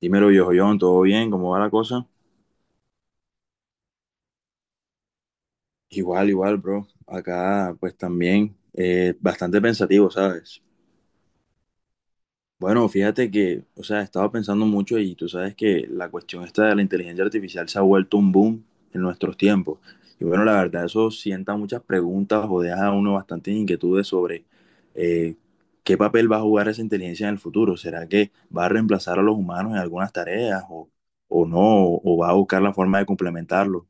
Dímelo, viejo John, ¿todo bien? ¿Cómo va la cosa? Igual, igual, bro. Acá, pues también, bastante pensativo, ¿sabes? Bueno, fíjate que, o sea, he estado pensando mucho y tú sabes que la cuestión esta de la inteligencia artificial se ha vuelto un boom en nuestros tiempos. Y bueno, la verdad, eso sienta muchas preguntas o deja a uno bastantes inquietudes sobre eh, qué papel va a jugar esa inteligencia en el futuro. ¿Será que va a reemplazar a los humanos en algunas tareas o no? ¿O va a buscar la forma de complementarlo?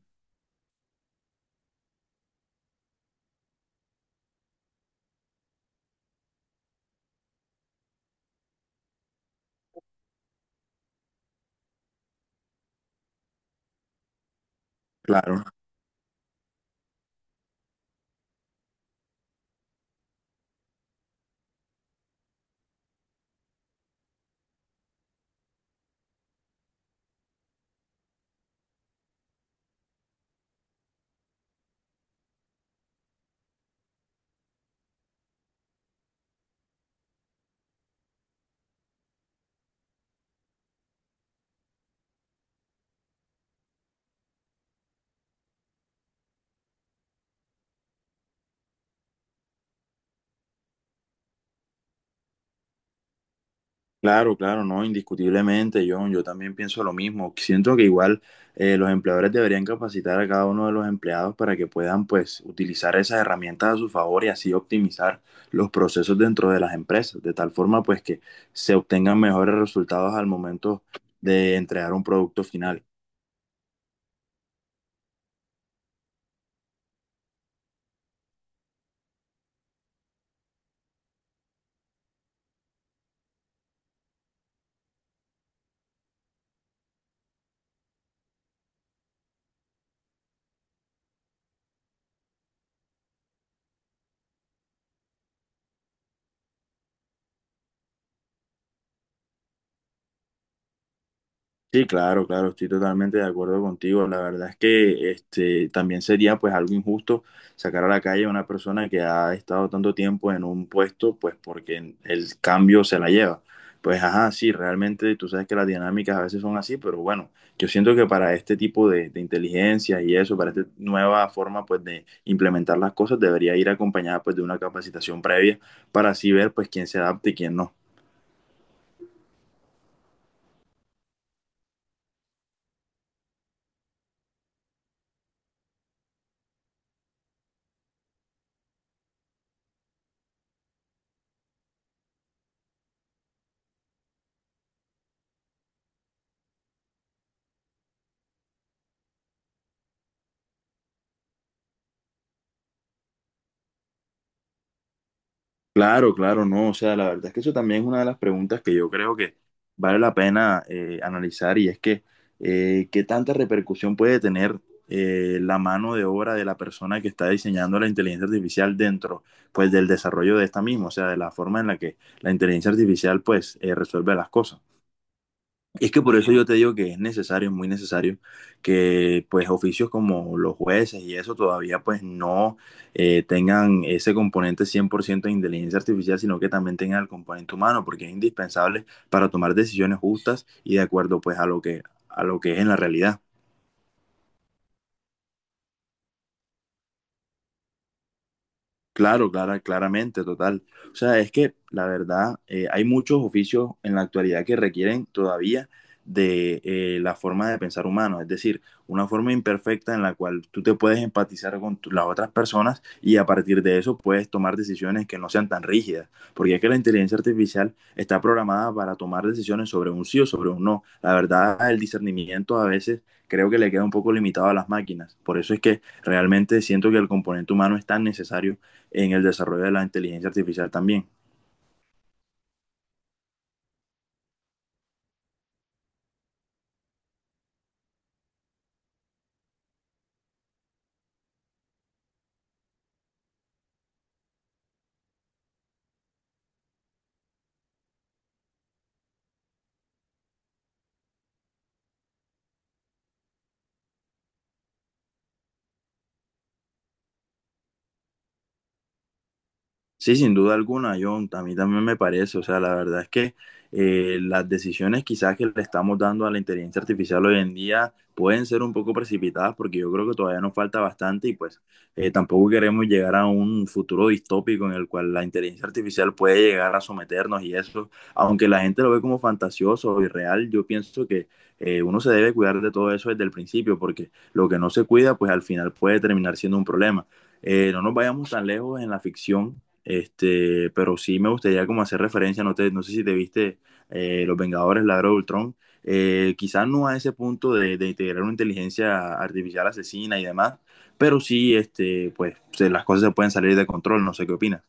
Claro. Claro, claro, no, indiscutiblemente, John, yo también pienso lo mismo. Siento que igual los empleadores deberían capacitar a cada uno de los empleados para que puedan, pues, utilizar esas herramientas a su favor y así optimizar los procesos dentro de las empresas, de tal forma, pues, que se obtengan mejores resultados al momento de entregar un producto final. Sí, claro, claro, estoy totalmente de acuerdo contigo. La verdad es que este también sería pues algo injusto sacar a la calle a una persona que ha estado tanto tiempo en un puesto, pues porque el cambio se la lleva. Pues ajá, sí, realmente tú sabes que las dinámicas a veces son así, pero bueno, yo siento que para este tipo de inteligencia y eso, para esta nueva forma pues de implementar las cosas, debería ir acompañada pues de una capacitación previa para así ver pues quién se adapta y quién no. Claro, claro, no. O sea, la verdad es que eso también es una de las preguntas que yo creo que vale la pena analizar y es que qué tanta repercusión puede tener la mano de obra de la persona que está diseñando la inteligencia artificial dentro, pues, del desarrollo de esta misma, o sea, de la forma en la que la inteligencia artificial, pues, resuelve las cosas. Y es que por eso yo te digo que es necesario, muy necesario, que pues oficios como los jueces y eso todavía pues no tengan ese componente 100% de inteligencia artificial, sino que también tengan el componente humano, porque es indispensable para tomar decisiones justas y de acuerdo pues a lo a lo que es en la realidad. Claro, clara, claramente, total. O sea, es que la verdad, hay muchos oficios en la actualidad que requieren todavía de la forma de pensar humano, es decir, una forma imperfecta en la cual tú te puedes empatizar con las otras personas y a partir de eso puedes tomar decisiones que no sean tan rígidas, porque es que la inteligencia artificial está programada para tomar decisiones sobre un sí o sobre un no. La verdad, el discernimiento a veces creo que le queda un poco limitado a las máquinas, por eso es que realmente siento que el componente humano es tan necesario en el desarrollo de la inteligencia artificial también. Sí, sin duda alguna, John, a mí también me parece, o sea, la verdad es que las decisiones quizás que le estamos dando a la inteligencia artificial hoy en día pueden ser un poco precipitadas porque yo creo que todavía nos falta bastante y pues tampoco queremos llegar a un futuro distópico en el cual la inteligencia artificial puede llegar a someternos y eso, aunque la gente lo ve como fantasioso y real, yo pienso que uno se debe cuidar de todo eso desde el principio porque lo que no se cuida pues al final puede terminar siendo un problema. No nos vayamos tan lejos en la ficción este, pero sí me gustaría como hacer referencia, no, no sé si te viste Los Vengadores, la era de Ultron, quizás no a ese punto de integrar una inteligencia artificial asesina y demás, pero sí, este, pues las cosas se pueden salir de control, no sé qué opinas.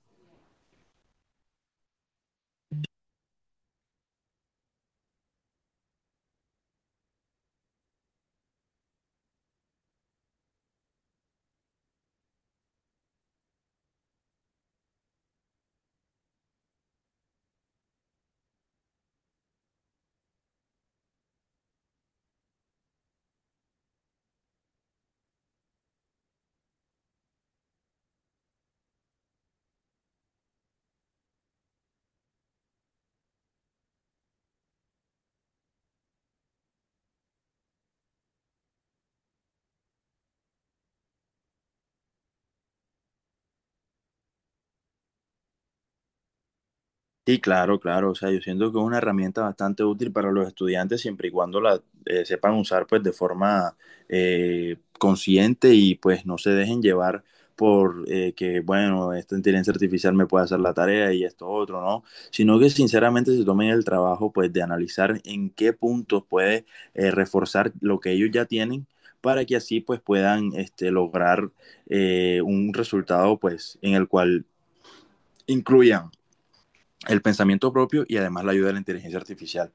Sí, claro, claro. O sea, yo siento que es una herramienta bastante útil para los estudiantes siempre y cuando la sepan usar pues de forma consciente y pues no se dejen llevar por que, bueno, esta inteligencia artificial me puede hacer la tarea y esto otro, ¿no? Sino que sinceramente se tomen el trabajo pues de analizar en qué puntos puede reforzar lo que ellos ya tienen para que así pues puedan este, lograr un resultado pues en el cual incluyan el pensamiento propio y además la ayuda de la inteligencia artificial.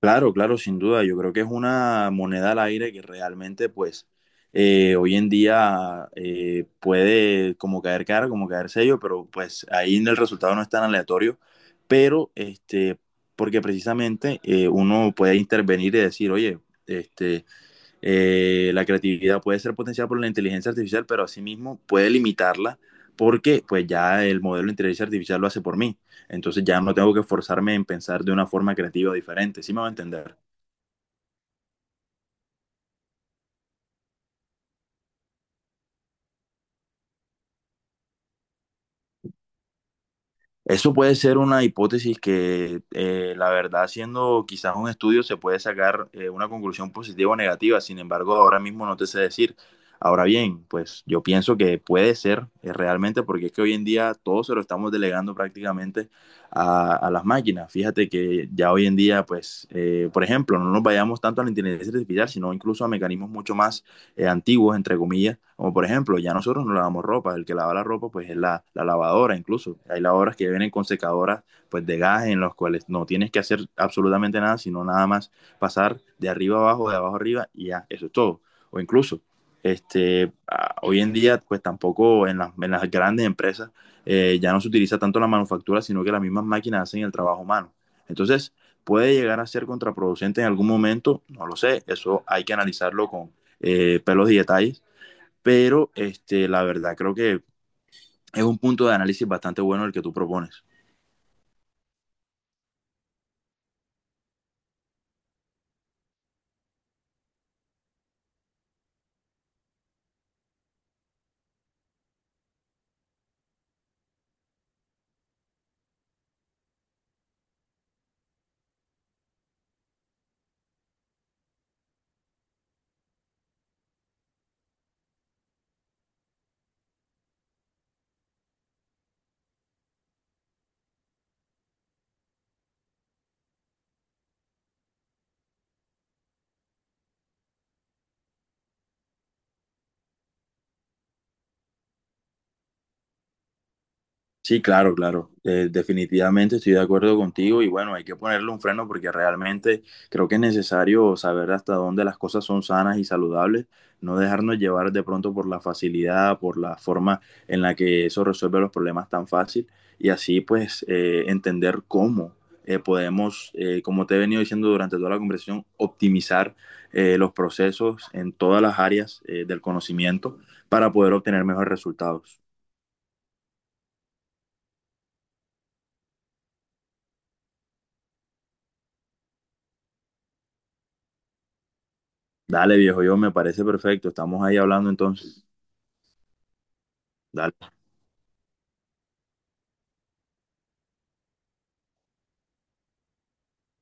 Claro, claro, sin duda. Yo creo que es una moneda al aire que realmente, pues, hoy en día puede como caer cara, como caer sello, pero pues ahí en el resultado no es tan aleatorio. Pero, este, porque precisamente uno puede intervenir y decir, oye, este, la creatividad puede ser potenciada por la inteligencia artificial, pero asimismo puede limitarla porque pues ya el modelo de inteligencia artificial lo hace por mí. Entonces ya no tengo que forzarme en pensar de una forma creativa diferente, ¿sí me va a entender? Eso puede ser una hipótesis que, la verdad, haciendo quizás un estudio se puede sacar una conclusión positiva o negativa. Sin embargo, ahora mismo no te sé decir. Ahora bien, pues yo pienso que puede ser realmente porque es que hoy en día todo se lo estamos delegando prácticamente a las máquinas. Fíjate que ya hoy en día, pues, por ejemplo, no nos vayamos tanto a la inteligencia artificial, sino incluso a mecanismos mucho más antiguos, entre comillas, como por ejemplo, ya nosotros no lavamos ropa, el que lava la ropa pues es la lavadora incluso. Hay lavadoras que vienen con secadoras pues de gas en los cuales no tienes que hacer absolutamente nada, sino nada más pasar de arriba abajo, de abajo arriba y ya, eso es todo. O incluso, este, hoy en día pues tampoco en, las, en las grandes empresas ya no se utiliza tanto la manufactura, sino que las mismas máquinas hacen el trabajo humano. Entonces, puede llegar a ser contraproducente en algún momento, no lo sé, eso hay que analizarlo con, pelos y detalles, pero este, la verdad creo que es un punto de análisis bastante bueno el que tú propones. Sí, claro, claro. Definitivamente estoy de acuerdo contigo y bueno, hay que ponerle un freno porque realmente creo que es necesario saber hasta dónde las cosas son sanas y saludables, no dejarnos llevar de pronto por la facilidad, por la forma en la que eso resuelve los problemas tan fácil y así pues entender cómo podemos, como te he venido diciendo durante toda la conversación, optimizar los procesos en todas las áreas del conocimiento para poder obtener mejores resultados. Dale, viejo, yo me parece perfecto. Estamos ahí hablando entonces. Dale.